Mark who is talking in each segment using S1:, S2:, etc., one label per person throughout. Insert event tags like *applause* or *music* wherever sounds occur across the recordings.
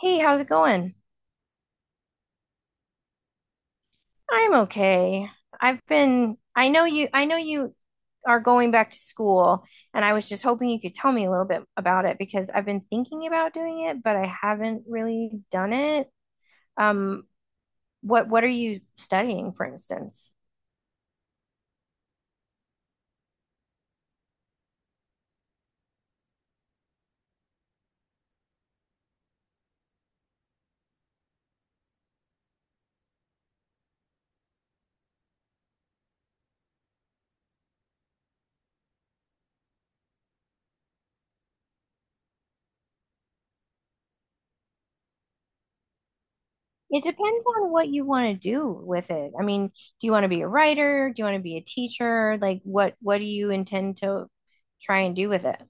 S1: Hey, how's it going? I'm okay. I know you are going back to school, and I was just hoping you could tell me a little bit about it because I've been thinking about doing it, but I haven't really done it. Um, what are you studying, for instance? It depends on what you want to do with it. I mean, do you want to be a writer? Do you want to be a teacher? Like what do you intend to try and do with it?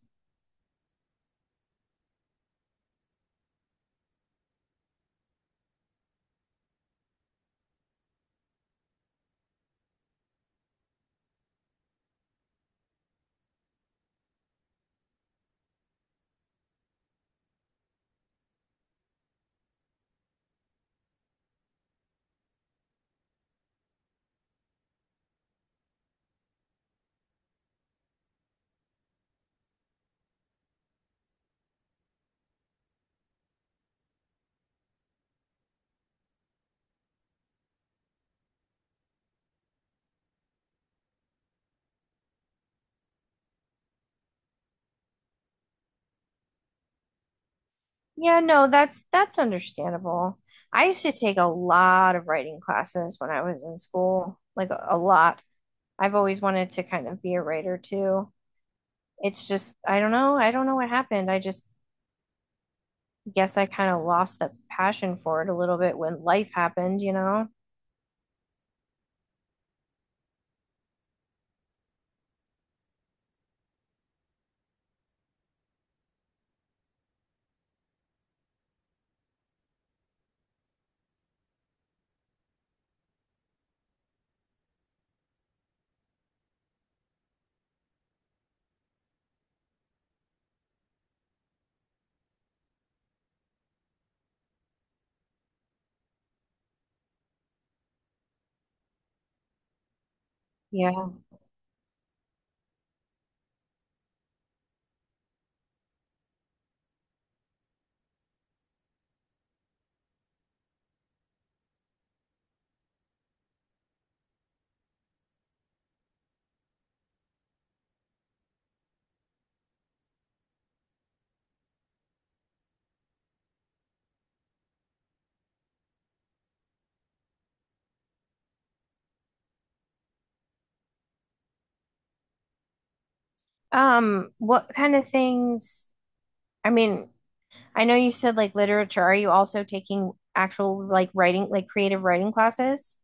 S1: Yeah, no, that's understandable. I used to take a lot of writing classes when I was in school, like a lot. I've always wanted to kind of be a writer too. It's just, I don't know what happened. I just guess I kind of lost the passion for it a little bit when life happened, Yeah. What kind of things, I mean, I know you said like literature. Are you also taking actual like writing, like creative writing classes?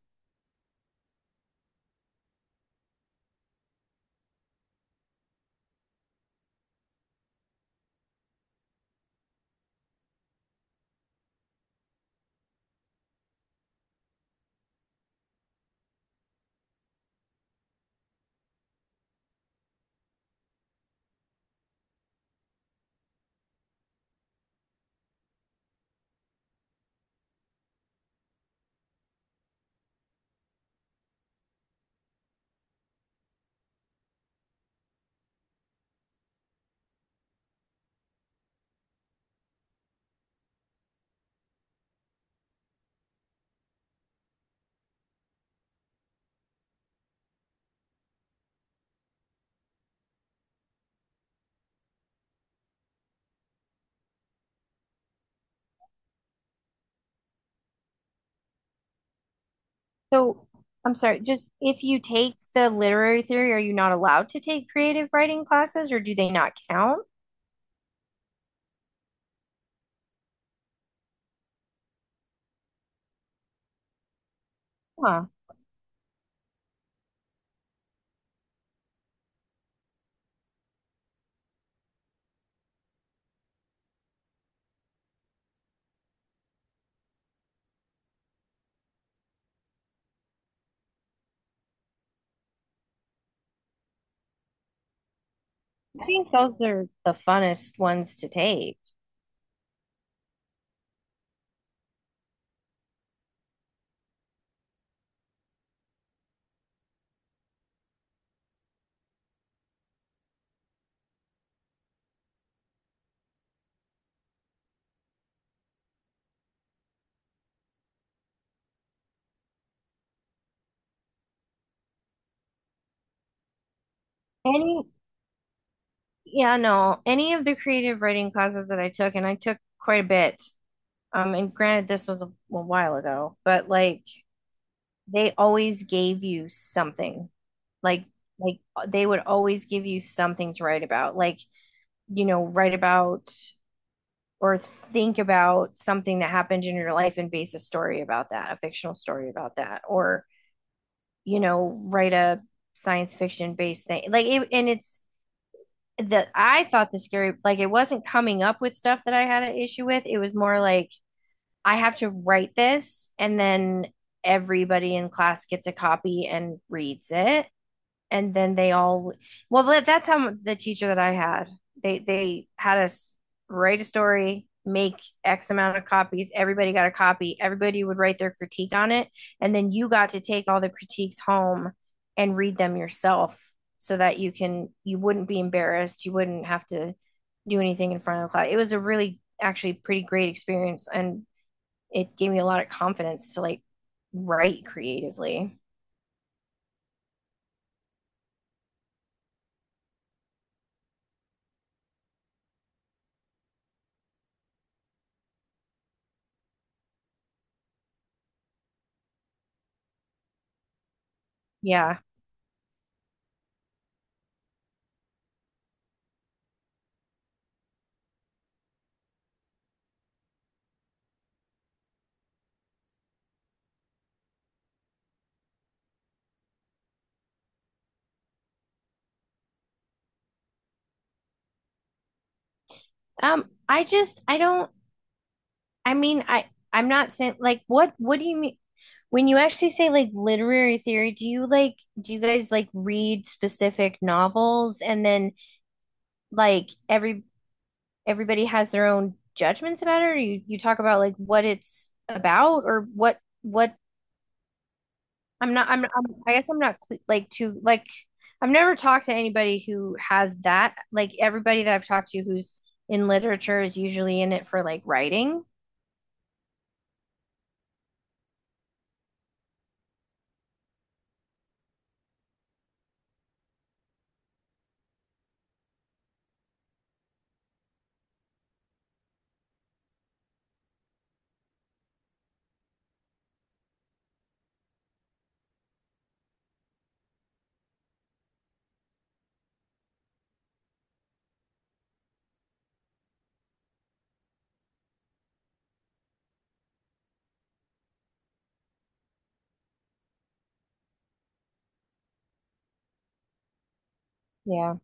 S1: So I'm sorry, just if you take the literary theory, are you not allowed to take creative writing classes or do they not count? Huh. I think those are the funnest ones to take. Any, yeah, no, any of the creative writing classes that I took, and I took quite a bit. And granted, this was a while ago, but like they always gave you something. Like, like, they would always give you something to write about. Like, you know, write about or think about something that happened in your life and base a story about that, a fictional story about that, or you know, write a science fiction based thing. And it's that I thought the scary, like, it wasn't coming up with stuff that I had an issue with. It was more like I have to write this, and then everybody in class gets a copy and reads it and then they all well that's how the teacher that I had, they had us write a story, make X amount of copies, everybody got a copy, everybody would write their critique on it, and then you got to take all the critiques home and read them yourself so that you wouldn't be embarrassed, you wouldn't have to do anything in front of the class. It was a really actually pretty great experience, and it gave me a lot of confidence to like write creatively. Yeah. I don't, I mean, I'm not saying like what do you mean when you actually say like literary theory. Do you like do you guys like read specific novels and then like every everybody has their own judgments about it, or you talk about like what it's about or what. I'm, I guess I'm not like too like I've never talked to anybody who has that. Like everybody that I've talked to who's in literature is usually in it for like writing. Yeah.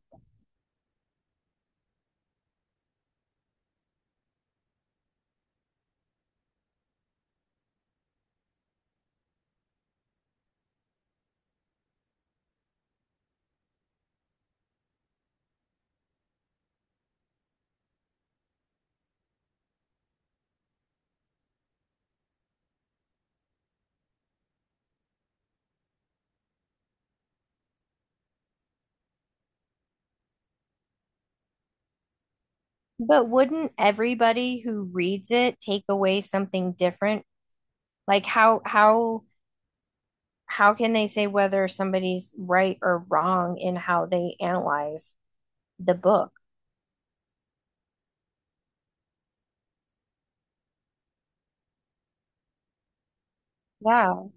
S1: But wouldn't everybody who reads it take away something different? Like how how can they say whether somebody's right or wrong in how they analyze the book? Yeah.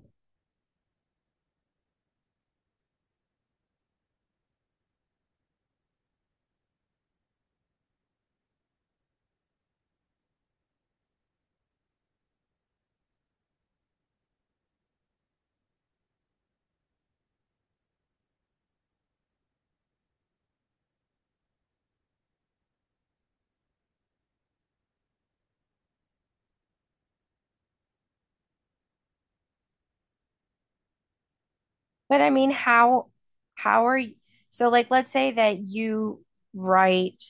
S1: But I mean, how are you, so like let's say that you write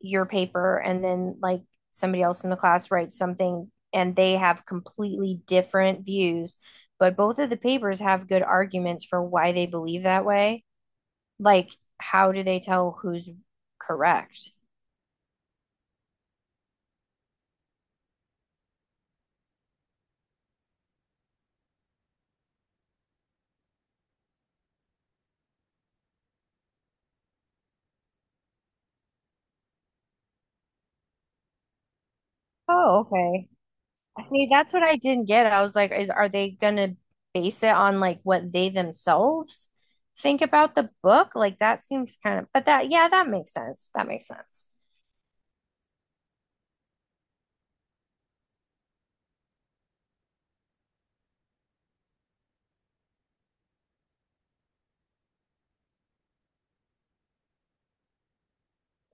S1: your paper and then like somebody else in the class writes something and they have completely different views, but both of the papers have good arguments for why they believe that way. Like, how do they tell who's correct? Oh, okay. See, that's what I didn't get. I was like, is are they gonna base it on like what they themselves think about the book? Like that seems kind of, but that yeah, that makes sense. That makes sense.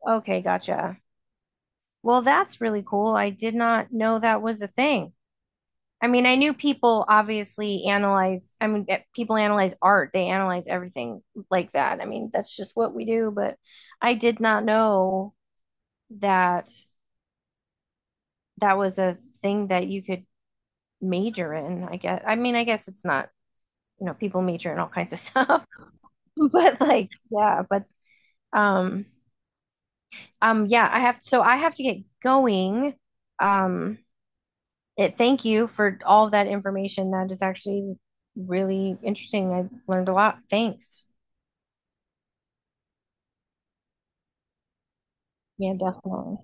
S1: Okay, gotcha. Well, that's really cool. I did not know that was a thing. I mean, I knew people obviously analyze, I mean, people analyze art. They analyze everything like that. I mean, that's just what we do, but I did not know that that was a thing that you could major in, I guess. I mean, I guess it's not, you know, people major in all kinds of stuff, *laughs* but like, yeah, but um yeah, I have to get going. Um it thank you for all that information. That is actually really interesting. I learned a lot. Thanks. Yeah, definitely.